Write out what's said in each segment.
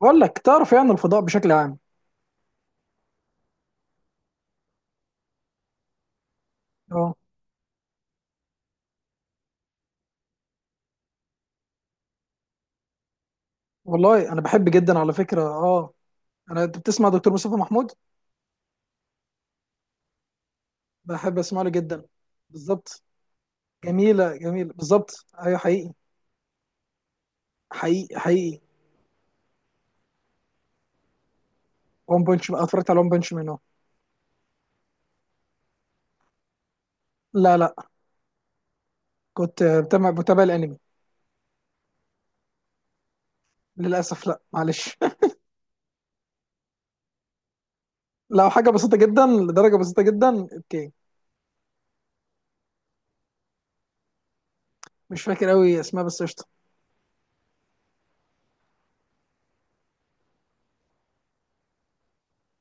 بقول لك تعرف يعني الفضاء بشكل عام. اه، والله انا بحب جدا على فكره. اه، انا انت بتسمع دكتور مصطفى محمود. بحب اسمع له جدا. بالظبط. جميله بالظبط، ايوه حقيقي. حقيقي حقيقي. وان بنش اتفرجت على وان بنش منه. لا لا، كنت بتابع الانمي للاسف، لا معلش لو حاجه بسيطه جدا، لدرجه بسيطه جدا، اوكي. مش فاكر قوي اسمها بس قشطه.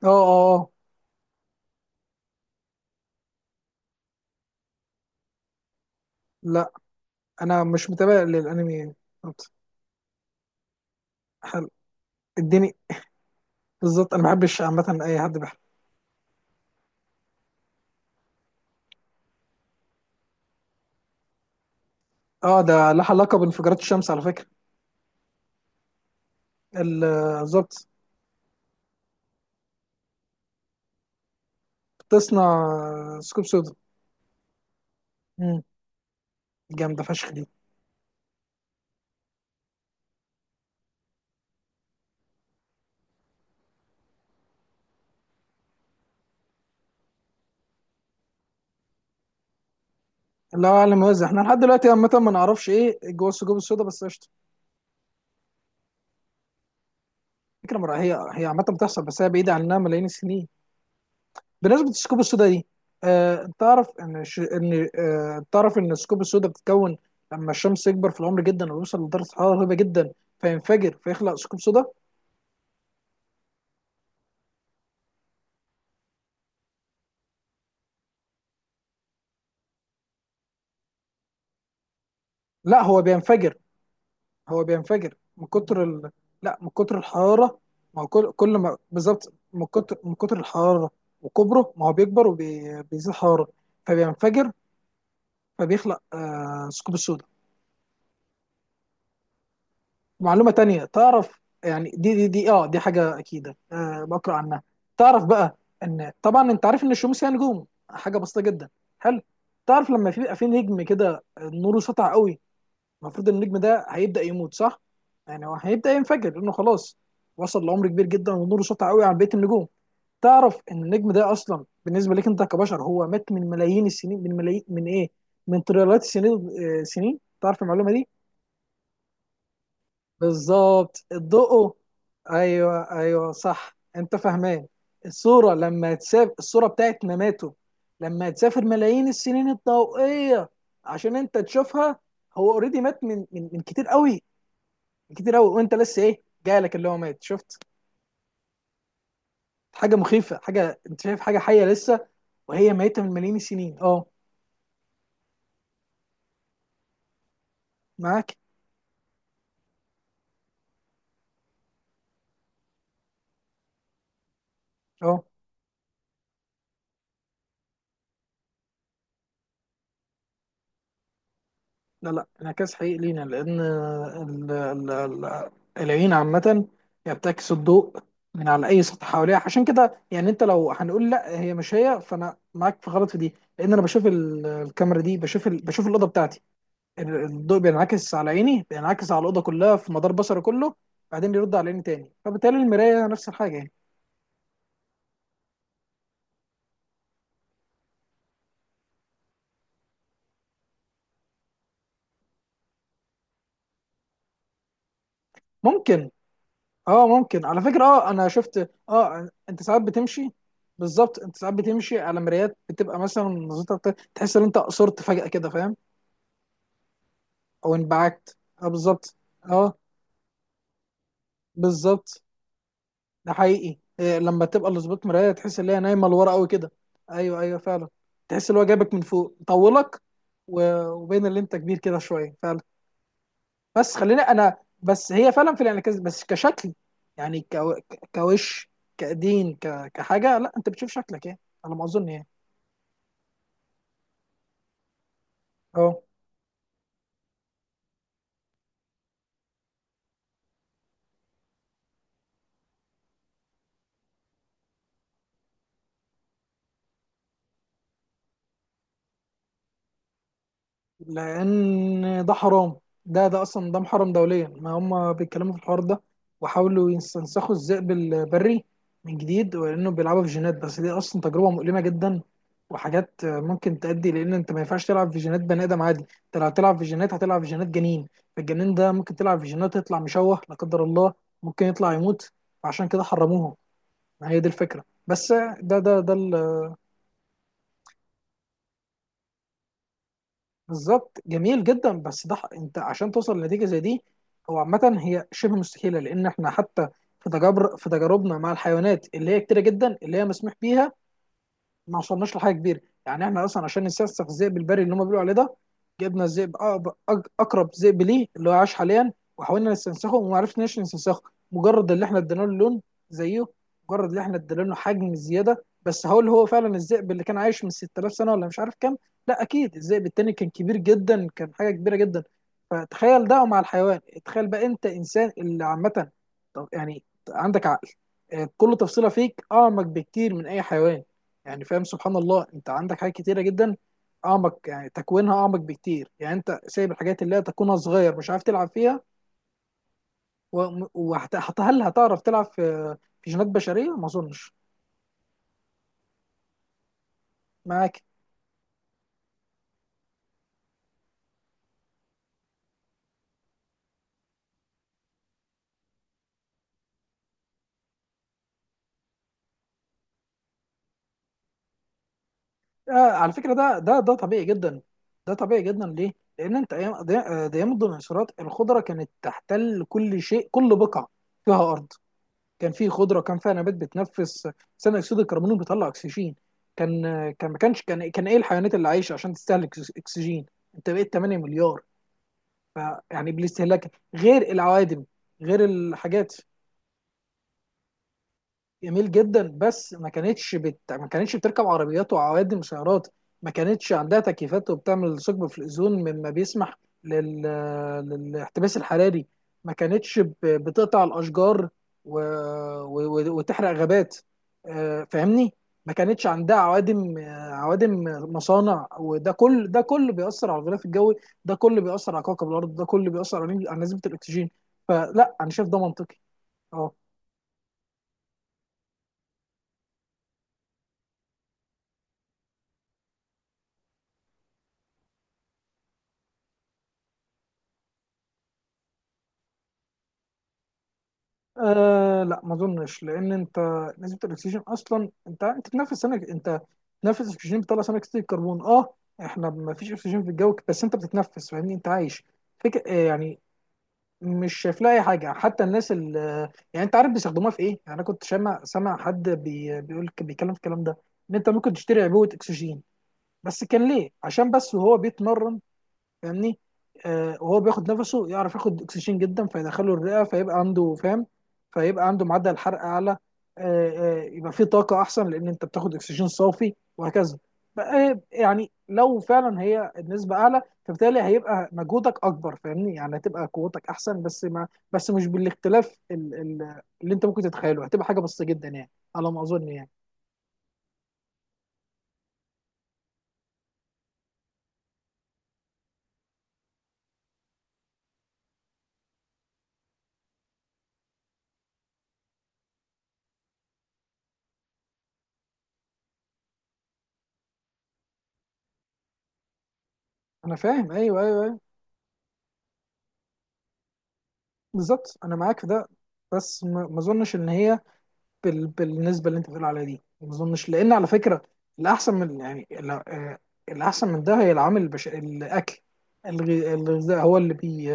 اه اه اه. لا، انا مش متابع للانمي. بالظبط. حلو، اديني. بالظبط انا ما بحبش عامه اي حد. اه، ده لها علاقة بانفجارات الشمس على فكرة. ال- بالظبط. بتصنع ثقوب سودا. امم جامدة فشخ دي. الله اعلم موزع، احنا لحد دلوقتي عامة ما نعرفش ايه جوه الثقوب السودا، بس قشطة. فكرة مرة، هي عامة بتحصل بس هي بعيدة عننا ملايين السنين. بالنسبة للثقوب السودا دي، تعرف ان تعرف ان الثقوب السودا بتتكون لما الشمس يكبر في العمر جدا ويوصل لدرجة حرارة رهيبة جدا، فينفجر فيخلق ثقوب سودا. لا هو بينفجر. هو بينفجر من كتر لا، من كتر الحرارة. ما هو كل ما بالظبط، من كتر الحرارة وكبره، ما هو بيكبر وبيزيد حرارة فبينفجر، فبيخلق ثقوب سوداء. معلومة تانية تعرف يعني، دي حاجة أكيدة، بقرأ عنها. تعرف بقى، إن طبعا أنت عارف إن الشمس هي نجوم، حاجة بسيطة جدا. حلو. تعرف لما بيبقى في نجم كده، نوره سطع قوي، المفروض النجم ده هيبدا يموت صح؟ يعني هو هيبدا ينفجر لانه خلاص وصل لعمر كبير جدا ونوره سطع قوي عن بقيه النجوم. تعرف ان النجم ده اصلا بالنسبه لك انت كبشر هو مات من ملايين السنين، من ملايين من ايه؟ من تريليونات السنين آه، سنين تعرف المعلومه دي؟ بالظبط الضوء. ايوه ايوه صح، انت فاهمان. الصوره لما تسافر، الصوره بتاعت مماته لما تسافر ملايين السنين الضوئيه عشان انت تشوفها، هو اوريدي مات من كتير قوي، كتير قوي، وانت لسه ايه جايلك اللي هو ميت، شفت؟ حاجه مخيفه، حاجه انت شايف حاجه حيه لسه وهي ميته من ملايين السنين. اه، معاك. اه، لا لا، انعكاس حقيقي لينا، لان العين عامه هي بتعكس الضوء من على اي سطح حواليها. عشان كده يعني انت لو هنقول لا هي مش هي، فانا معاك في غلط في دي، لان انا بشوف الكاميرا دي بشوف بشوف الاوضه بتاعتي. الضوء بينعكس على عيني، بينعكس على الاوضه كلها في مدار بصري كله، بعدين يرد على عيني تاني، فبالتالي المرايه نفس الحاجه. ممكن. اه ممكن، على فكرة اه، انا شفت اه، انت ساعات بتمشي. بالظبط، انت ساعات بتمشي على مرايات بتبقى مثلا نظرتها، تحس ان انت قصرت فجأة كده، فاهم؟ او انبعكت. اه بالظبط. اه بالظبط. ده حقيقي، إيه لما تبقى لظبط مراية تحس ان هي نايمة لورا قوي كده. ايوه ايوه فعلا. تحس ان هو جايبك من فوق طولك، وبين اللي انت كبير كده شوية فعلا. بس خلينا انا، بس هي فعلا في الانعكاس بس كشكل، يعني كوش كدين، كحاجه، لا انت بتشوف شكلك ايه، على ما اظن يعني. اه لان ده حرام. ده اصلا ده محرم دوليا. ما هم بيتكلموا في الحوار ده وحاولوا يستنسخوا الذئب البري من جديد ولانه بيلعبوا في جينات، بس دي اصلا تجربه مؤلمه جدا وحاجات ممكن تؤدي لان انت ما ينفعش تلعب في جينات بني ادم عادي. انت لو هتلعب في جينات هتلعب في جينات جنين، فالجنين ده ممكن تلعب في جينات يطلع مشوه لا قدر الله، ممكن يطلع يموت. فعشان كده حرموها، ما هي دي الفكره بس. ده ده ده بالظبط جميل جدا. بس انت عشان توصل لنتيجه زي دي، هو عامه هي شبه مستحيله، لان احنا حتى في تجارب، في تجاربنا مع الحيوانات اللي هي كتيره جدا اللي هي مسموح بيها، ما وصلناش لحاجه كبيره. يعني احنا اصلا عشان نسفسف الذئب البري اللي هم بيقولوا عليه ده، جبنا الذئب اقرب ذئب ليه اللي هو عاش حاليا، وحاولنا نستنسخه وما عرفناش نستنسخه، مجرد اللي احنا ادينا له لون زيه، مجرد اللي احنا ادينا له حجم زياده بس. هقول هو فعلا الذئب اللي كان عايش من 6000 سنه ولا مش عارف كام. لا اكيد الذئب التاني كان كبير جدا، كان حاجه كبيره جدا. فتخيل ده مع الحيوان، تخيل بقى انت انسان اللي عامه، طب يعني عندك عقل، كل تفصيله فيك اعمق بكتير من اي حيوان. يعني فاهم، سبحان الله، انت عندك حاجات كتيره جدا اعمق، يعني تكوينها اعمق بكتير، يعني انت سايب الحاجات اللي هي تكوينها صغير مش عارف تلعب فيها، و- هل هتعرف تلعب في في جينات بشريه؟ ما اظنش. معاك. آه على فكره، ده طبيعي جدا. ده طبيعي جدا، ليه؟ لان انت ايام ده، ده ايام الديناصورات الخضره كانت تحتل كل شيء، كل بقعه فيها ارض كان فيه خضره، كان فيها نبات بتنفس ثاني اكسيد الكربون بيطلع اكسجين. كان كان ما كانش كان كان ايه الحيوانات اللي عايشه عشان تستهلك اكسجين. انت بقيت 8 مليار، ف يعني بالاستهلاك غير العوادم، غير الحاجات. جميل جدا، بس ما كانتش بتركب عربيات وعوادم سيارات، ما كانتش عندها تكييفات وبتعمل ثقب في الأوزون مما بيسمح لل... للاحتباس الحراري. ما كانتش بتقطع الأشجار و... وتحرق غابات، فاهمني؟ ما كانتش عندها عوادم، عوادم مصانع، وده كل ده كل بيأثر على الغلاف الجوي، ده كل بيأثر على كوكب الأرض، ده كل بيأثر على على نسبة الأكسجين. فلا أنا شايف ده منطقي. اه. آه لا، ما اظنش. لان انت نسبه الاكسجين، اصلا انت انت بتنفس سمك، انت بتنفس اكسجين بتطلع ثاني اكسيد الكربون. اه، احنا ما فيش اكسجين في الجو بس انت بتتنفس، فاهمني؟ انت عايش. فك... آه يعني مش شايف لها اي حاجه. حتى الناس يعني انت عارف بيستخدموها في ايه؟ يعني انا كنت سامع، حد بيقول، بيتكلم في الكلام ده، ان انت ممكن تشتري عبوه اكسجين، بس كان ليه عشان بس وهو بيتمرن، فاهمني؟ وهو بياخد نفسه يعرف ياخد اكسجين جدا فيدخله الرئه، فيبقى عنده، فاهم؟ فيبقى عنده معدل حرق اعلى. آه، آه، يبقى فيه طاقه احسن، لان انت بتاخد اكسجين صافي وهكذا. بقى يعني لو فعلا هي النسبه اعلى، فبالتالي هيبقى مجهودك اكبر، فاهمني؟ يعني هتبقى قوتك احسن، بس ما بس مش بالاختلاف اللي انت ممكن تتخيله، هتبقى حاجه بسيطه جدا يعني، على ما اظن يعني. انا فاهم، ايوه ايوه ايوه. بالظبط انا معاك في ده. بس ما اظنش ان هي بالنسبه اللي انت بتقول عليها دي ما اظنش. لان على فكره، الاحسن من يعني الاحسن من ده هي العامل الاكل، الغذاء هو اللي بي،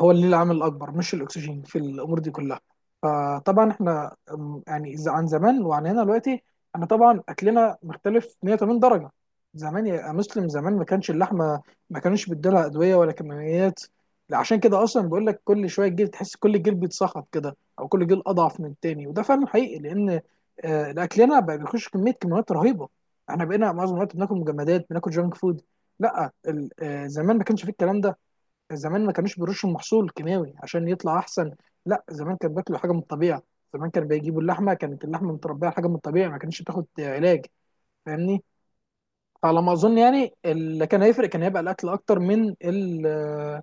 هو اللي ليه العامل الاكبر، مش الاكسجين في الامور دي كلها. فطبعا احنا يعني إذا عن زمان وعن هنا دلوقتي، انا طبعا اكلنا مختلف 180 درجه. زمان يا مسلم، زمان ما كانش اللحمه، ما كانوش بيدولها ادويه ولا كيماويات. عشان كده اصلا بقول لك كل شويه الجلد تحس كل الجلد بيتصخط كده، او كل جيل اضعف من التاني. وده فعلا حقيقي، لان اكلنا بقى بيخش كميات رهيبه. احنا بقينا معظم الوقت بناكل مجمدات، بناكل جانك فود. لا زمان ما كانش فيه الكلام ده. زمان ما كانوش بيرشوا المحصول كيماوي عشان يطلع احسن. لا زمان كان بياكلوا حاجه من الطبيعه. زمان كانوا بيجيبوا اللحمه، كانت اللحمه متربيه على حاجه من الطبيعه، ما كانتش بتاخد علاج، فاهمني؟ فعلى ما اظن يعني اللي كان هيفرق، كان هيبقى الاكل اكتر من ال آه،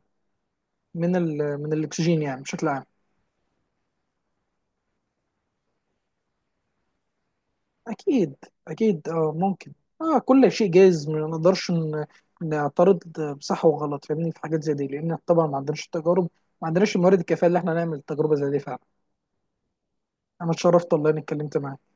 من ال من الاكسجين، يعني بشكل عام. أكيد. أكيد أه ممكن. أه كل شيء جايز، ما نقدرش نعترض بصح وغلط، فاهمني؟ في حاجات زي دي لأن طبعا ما عندناش التجارب، ما عندناش الموارد الكافية اللي احنا نعمل تجربة زي دي فعلا. أنا اتشرفت والله إني اتكلمت معاك.